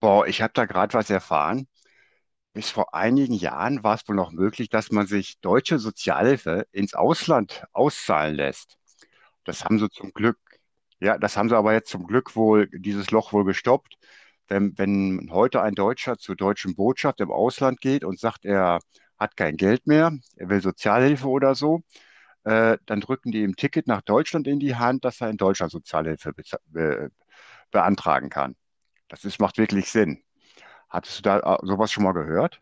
Boah, ich habe da gerade was erfahren. Bis vor einigen Jahren war es wohl noch möglich, dass man sich deutsche Sozialhilfe ins Ausland auszahlen lässt. Das haben sie zum Glück, Ja, das haben sie aber jetzt zum Glück wohl, dieses Loch wohl gestoppt. Wenn heute ein Deutscher zur deutschen Botschaft im Ausland geht und sagt, er hat kein Geld mehr, er will Sozialhilfe oder so, dann drücken die ihm ein Ticket nach Deutschland in die Hand, dass er in Deutschland Sozialhilfe beza- be beantragen kann. Macht wirklich Sinn. Hattest du da sowas schon mal gehört?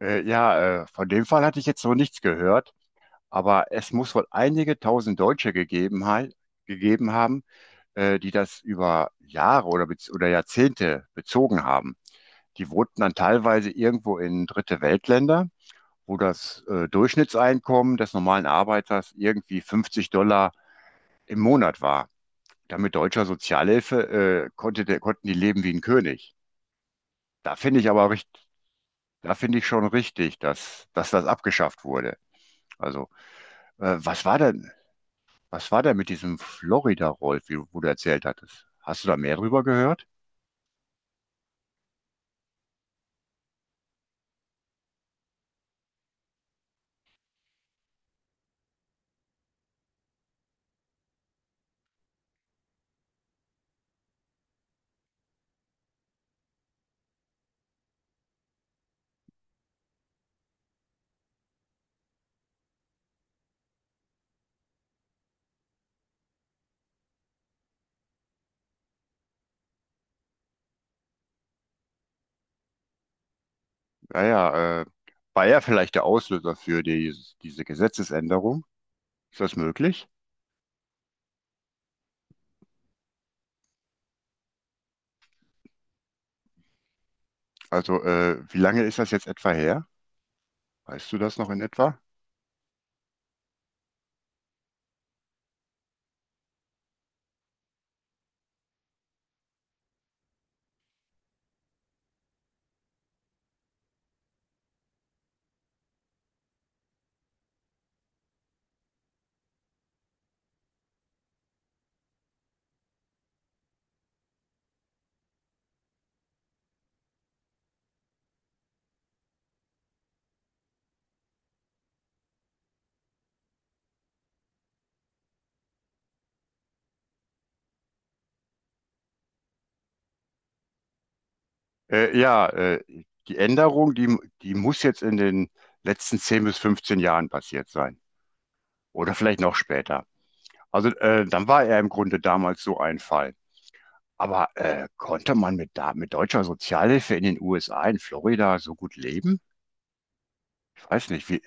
Ja, von dem Fall hatte ich jetzt so nichts gehört, aber es muss wohl einige tausend Deutsche gegeben haben, die das über Jahre oder Jahrzehnte bezogen haben. Die wohnten dann teilweise irgendwo in dritte Weltländer, wo das Durchschnittseinkommen des normalen Arbeiters irgendwie $50 im Monat war. Damit deutscher Sozialhilfe konnten die leben wie ein König. Da finde ich aber recht, Da finde ich schon richtig, dass das abgeschafft wurde. Also, äh, was war denn, was war denn mit diesem Florida-Rolf, wo du erzählt hattest? Hast du da mehr drüber gehört? Naja, war er vielleicht der Auslöser für diese Gesetzesänderung? Ist das möglich? Also, wie lange ist das jetzt etwa her? Weißt du das noch in etwa? Ja, die Änderung, die muss jetzt in den letzten 10 bis 15 Jahren passiert sein. Oder vielleicht noch später. Also, dann war er im Grunde damals so ein Fall. Aber konnte man mit deutscher Sozialhilfe in den USA, in Florida, so gut leben? Ich weiß nicht, wie.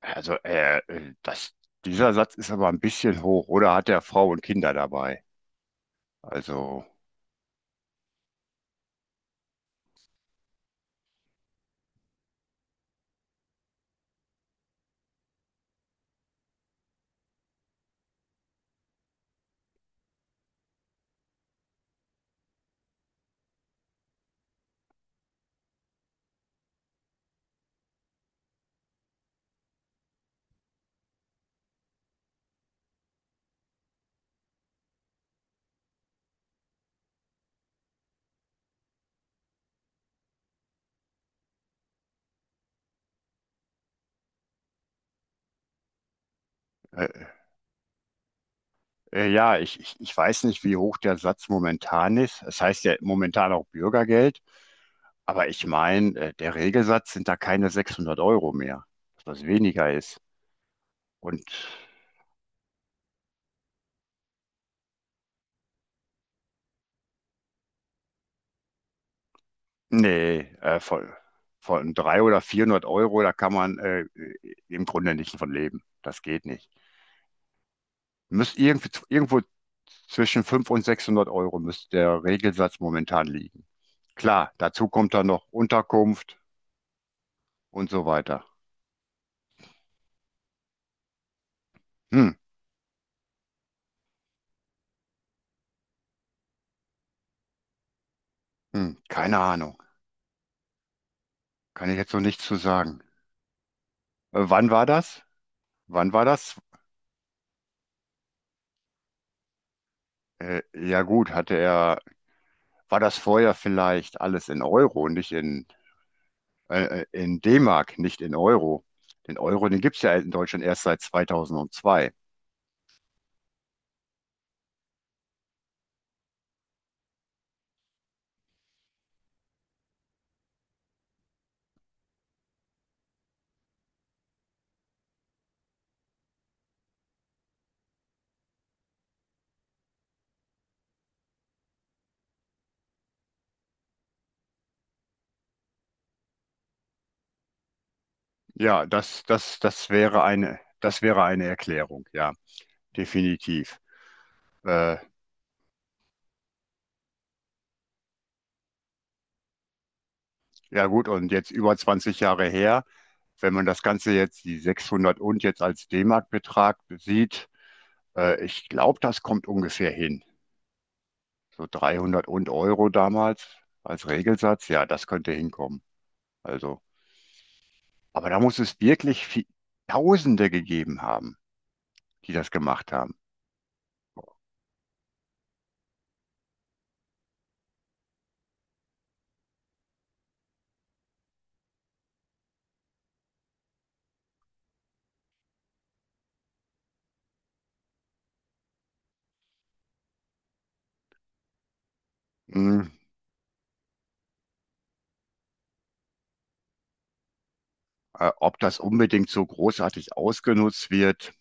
Also, dieser Satz ist aber ein bisschen hoch. Oder hat er Frau und Kinder dabei? Also, äh, ja, ich weiß nicht, wie hoch der Satz momentan ist. Es heißt ja momentan auch Bürgergeld. Aber ich meine, der Regelsatz sind da keine 600 Euro mehr, dass das weniger ist. Und nee, von 300 oder 400 Euro, da kann man im Grunde nicht von leben. Das geht nicht. Müsst irgendwo zwischen 500 und 600 Euro müsste der Regelsatz momentan liegen. Klar, dazu kommt dann noch Unterkunft und so weiter. Hm, Keine Ahnung. Kann ich jetzt so nichts zu sagen. Wann war das? Wann war das? Ja gut, war das vorher vielleicht alles in Euro und nicht in D-Mark, nicht in Euro. Den Euro, den gibt's ja in Deutschland erst seit 2002. Ja, das wäre eine Erklärung, ja, definitiv. Äh, ja gut, und jetzt über 20 Jahre her, wenn man das Ganze jetzt, die 600 und jetzt als D-Mark-Betrag sieht, ich glaube, das kommt ungefähr hin. So 300 und Euro damals als Regelsatz, ja, das könnte hinkommen. Also, aber da muss es wirklich Tausende gegeben haben, die das gemacht haben. Hm, ob das unbedingt so großartig ausgenutzt wird,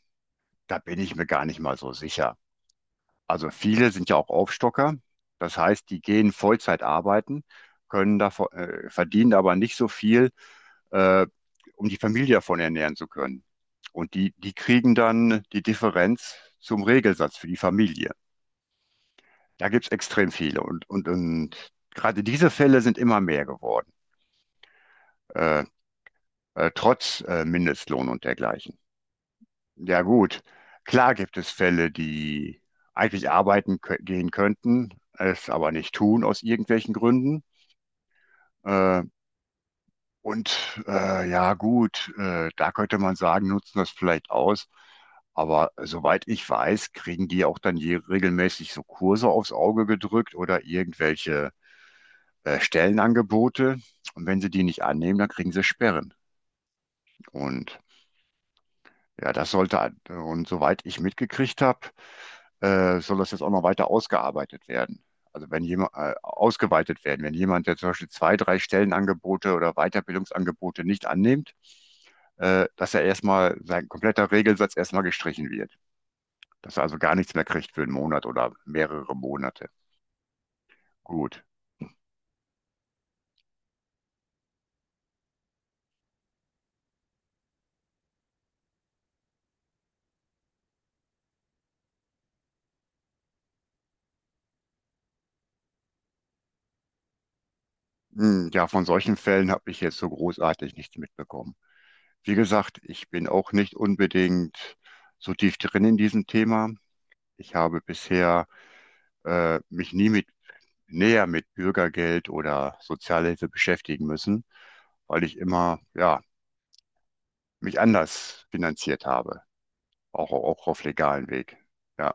da bin ich mir gar nicht mal so sicher. Also viele sind ja auch Aufstocker. Das heißt, die gehen Vollzeit arbeiten, verdienen aber nicht so viel, äh, um die Familie davon ernähren zu können. Und die, die kriegen dann die Differenz zum Regelsatz für die Familie. Da gibt es extrem viele. Und gerade diese Fälle sind immer mehr geworden, äh, trotz Mindestlohn und dergleichen. Ja gut, klar gibt es Fälle, die eigentlich arbeiten kö gehen könnten, es aber nicht tun aus irgendwelchen Gründen. Äh, und ja gut, da könnte man sagen, nutzen das vielleicht aus. Aber soweit ich weiß, kriegen die auch dann je regelmäßig so Kurse aufs Auge gedrückt oder irgendwelche Stellenangebote. Und wenn sie die nicht annehmen, dann kriegen sie Sperren. Und ja, und soweit ich mitgekriegt habe, soll das jetzt auch noch weiter ausgearbeitet werden. Also wenn jemand, wenn jemand, der zum Beispiel zwei, drei Stellenangebote oder Weiterbildungsangebote nicht annimmt, dass sein kompletter Regelsatz erstmal gestrichen wird. Dass er also gar nichts mehr kriegt für einen Monat oder mehrere Monate. Gut. Hm, ja, von solchen Fällen habe ich jetzt so großartig nichts mitbekommen. Wie gesagt, ich bin auch nicht unbedingt so tief drin in diesem Thema. Ich habe bisher mich nie mit näher mit Bürgergeld oder Sozialhilfe beschäftigen müssen, weil ich immer ja mich anders finanziert habe, auch auf legalen Weg. Ja.